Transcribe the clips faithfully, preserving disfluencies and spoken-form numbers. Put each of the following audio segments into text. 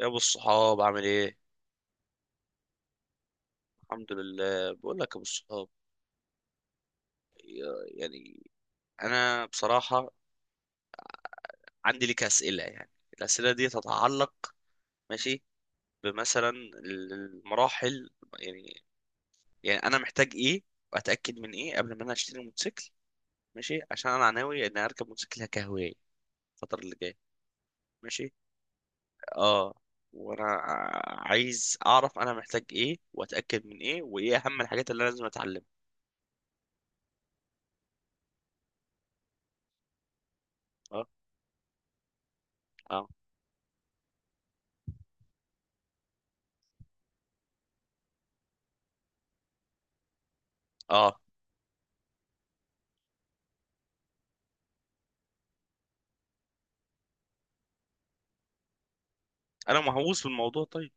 يا ابو الصحاب، عامل ايه؟ الحمد لله، بقول لك يا ابو الصحاب. يا- يعني انا بصراحه عندي لك اسئله، يعني الاسئله دي تتعلق، ماشي، بمثلا ال- المراحل، يعني يعني انا محتاج ايه واتاكد من ايه قبل ما انا اشتري موتوسيكل؟ ماشي. عشان انا ناوي ان اركب موتوسيكل كهوايه الفتره اللي جايه. ماشي. اه. وانا ع- عايز اعرف انا محتاج ايه واتاكد من ايه وايه اهم الحاجات اللي انا لازم اتعلمها. اه. اه. اه. انا مهووس بالموضوع. طيب.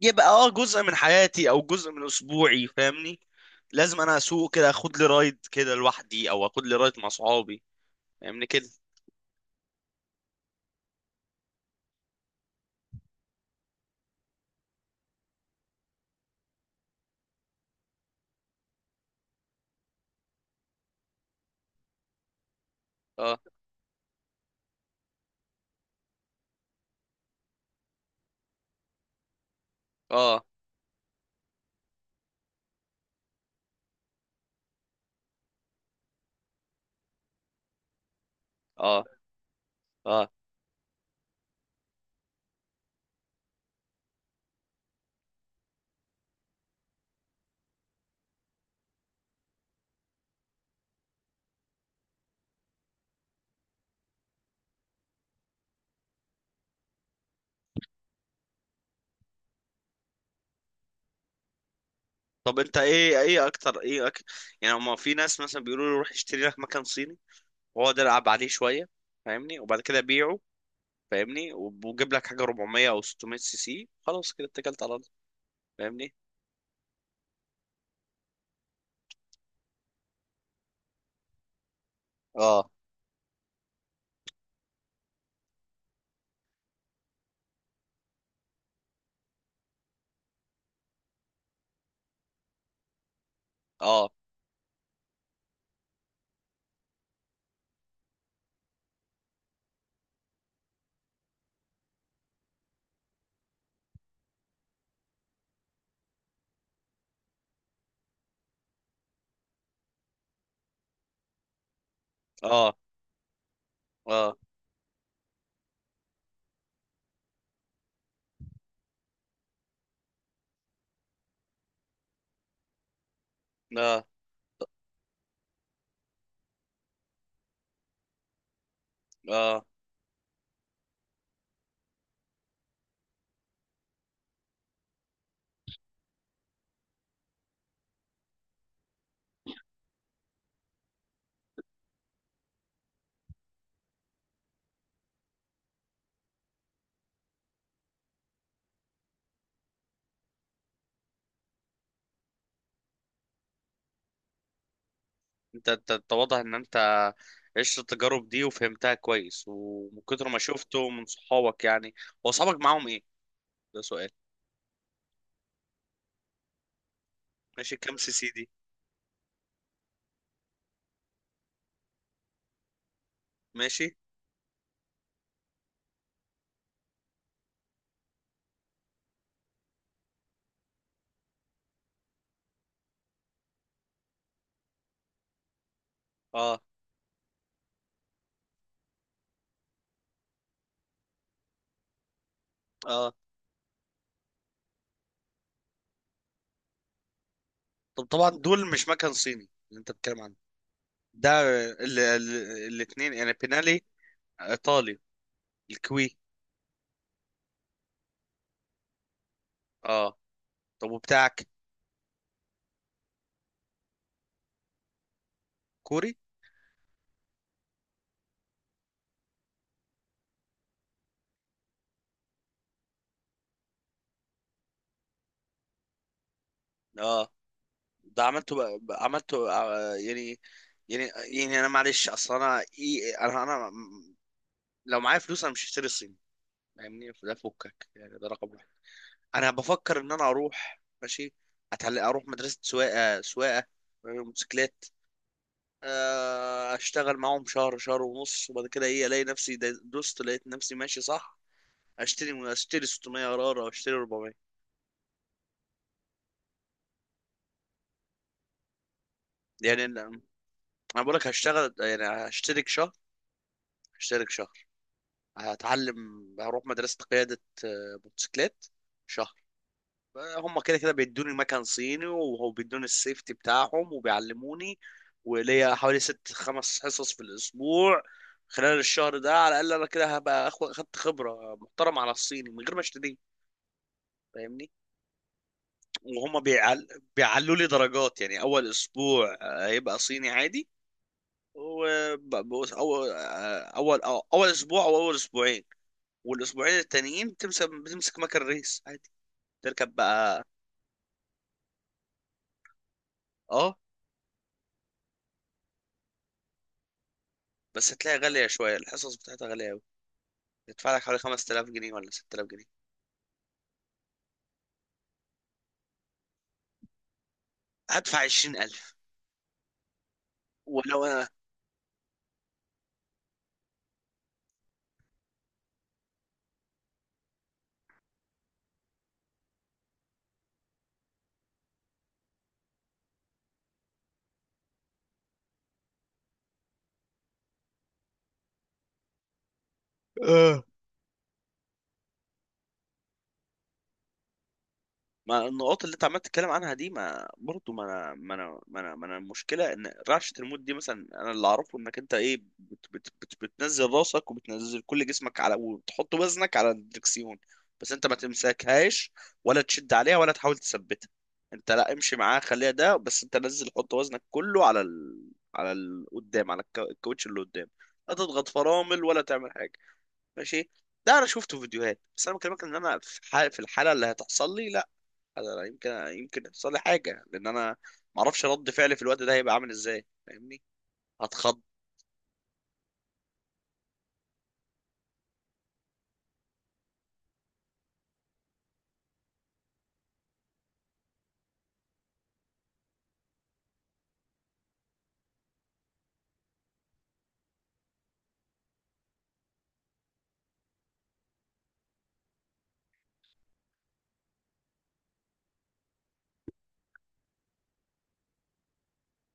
يبقى، اه جزء من حياتي او جزء من اسبوعي، فاهمني. لازم انا اسوق كده، اخد لي رايد كده لوحدي او اخد لي رايد مع صحابي. فاهمني كده؟ اه. اه. اه. اه. طب، انت ايه ايه اكتر ايه، أك... يعني ما في ناس مثلا بيقولوا لي روح اشتري لك مكان صيني، واقعد العب عليه شويه، فاهمني؟ وبعد كده بيعه. فاهمني؟ وب- وجيب لك حاجه اربعمائة او ستمائة سي سي، خلاص كده اتكلت على الله. فاهمني؟ اه. اه. اه. اه. اه. اه. انت انت انت واضح ان انت عشت التجارب دي وفهمتها كويس، ومن كتر ما شفته من صحابك، يعني. هو صحابك معاهم ايه؟ ده سؤال. ماشي. كام سي سي دي؟ ماشي. اه. اه. طب، طبعا دول مش مكن صيني اللي انت بتتكلم عنه؟ ده ال... ال... الاتنين، يعني، بينالي؟ ايطالي؟ الكوي؟ اه. طب وبتاعك كوري؟ اه، ده عملته بقى، بقى- عملته، آه، يعني. يعني يعني انا معلش، اصل انا، إيه، انا انا لو معايا فلوس انا مش هشتري صيني. فاهمني؟ فده فكك، يعني ده رقم واحد. انا بفكر ان انا اروح، ماشي، اتعلم، اروح مدرسه سواقه، سواقه موتوسيكلات. آه، اشتغل معاهم شهر، شهر ونص، وبعد كده، ايه الاقي نفسي د- دوست، لقيت نفسي ماشي صح. اشتري اشتري ستمائة، قرار، او اشتري اربعميه. يعني ال- انا بقول لك هشتغل، يعني هشترك شهر، هشترك شهر هتعلم، هروح مدرسه قياده، آه، موتوسيكلات، شهر. هم كده كده بيدوني مكان صيني، وهو بيدوني السيفتي بتاعهم وبيعلموني. وليا حوالي ست، خمس حصص في الاسبوع، خلال الشهر ده. على الاقل انا كده هبقى أخو- اخدت خبره محترمه على الصيني من غير ما اشتريه. فاهمني؟ وهم بيعل... بيعلوا لي درجات، يعني اول اسبوع آه، هيبقى صيني عادي. وأول أول آه، أول آه، أول أسبوع أو أول أسبوعين، والأسبوعين التانيين تمسك بتمسك مكن ريس عادي، تركب بقى. أه. بس هتلاقي غالية شوية، الحصص بتاعتها غالية، يدفع لك حوالي خمس تلاف جنيه ولا ست تلاف جنيه. هدفع عشرين الف. ولو انا، اه، ما النقاط اللي انت عمال تتكلم عنها دي، ما برضه ما انا ما انا ما انا ما انا المشكله، ان رعشه الموت دي مثلا، انا اللي اعرفه انك انت، ايه، بت بت بت بتنزل راسك، وبتنزل كل جسمك على، وتحط وزنك على الدركسيون، بس انت ما تمسكهاش، ولا تشد عليها، ولا تحاول تثبتها. انت لا، امشي معاها، خليها، ده بس انت نزل، حط وزنك كله على ال... على ال... قدام، على الكو- الكاوتش اللي قدام. لا تضغط فرامل ولا تعمل حاجه، ماشي؟ ده انا شفته في فيديوهات، بس انا بكلمك ان انا في حال- في الحاله اللي هتحصل لي، لا، أنا يمكن يمكن يحصل لي حاجه لان انا ما اعرفش رد فعلي في الوقت ده هيبقى عامل ازاي، فاهمني؟ هتخض.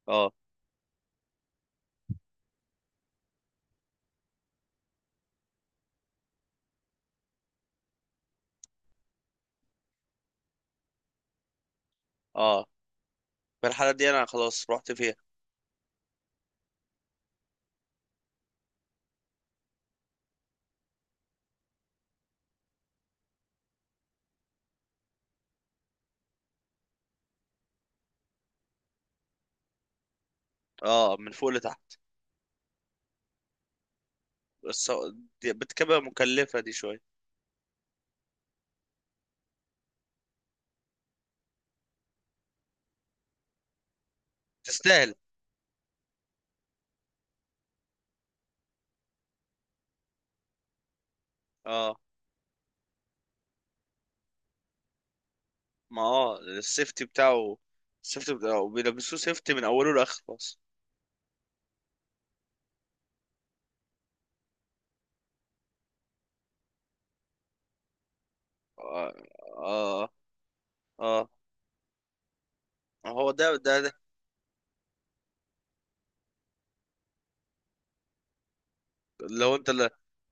اه. اه. في الحاله دي انا خلاص رحت فيها. اه، من فوق لتحت. بس دي- بتبقى مكلفه دي شويه. تستاهل. اه. ما اه السيفتي بتاعه، السيفتي بتاعه بيلبسوه سيفتي من اوله لاخره، بس. اه. اه. اه. هو ده ده, ده. لو انت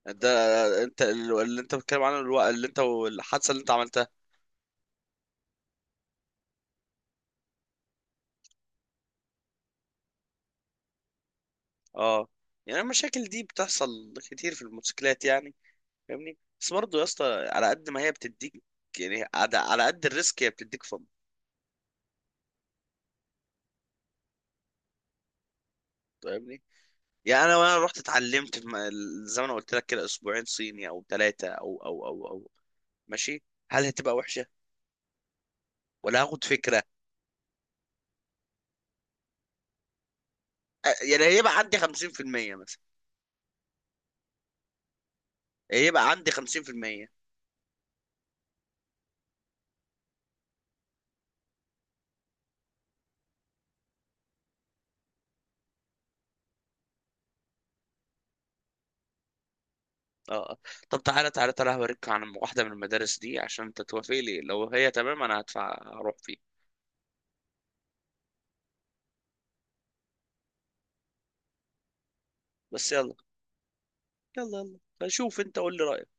ده انت ال- اللي انت بتتكلم عنه، الو... اللي انت، والحادثه اللي انت عملتها. اه. يعني المشاكل دي بتحصل كتير في الموتوسيكلات، يعني، فاهمني؟ بس برضه يا اسطى، على قد ما هي بتديك، يعني، على على قد الريسك هي بتديك فن. فاهمني؟ يعني انا، وانا رحت اتعلمت في م- زي ما انا قلت لك كده، اسبوعين صيني او ثلاثه، او او او او ماشي، هل هتبقى وحشه، ولا هاخد فكره؟ أ- يعني هيبقى عندي خمسين في المية، مثلا. هيبقى عندي خمسين في المية. اه. طب تعالى تعالى تعالى، هوريك عن واحدة من المدارس دي، عشان انت توافق لي، لو هي تمام انا هدفع اروح فيه. بس، يلا يلا يلا، شوف انت، قول لي رأيك.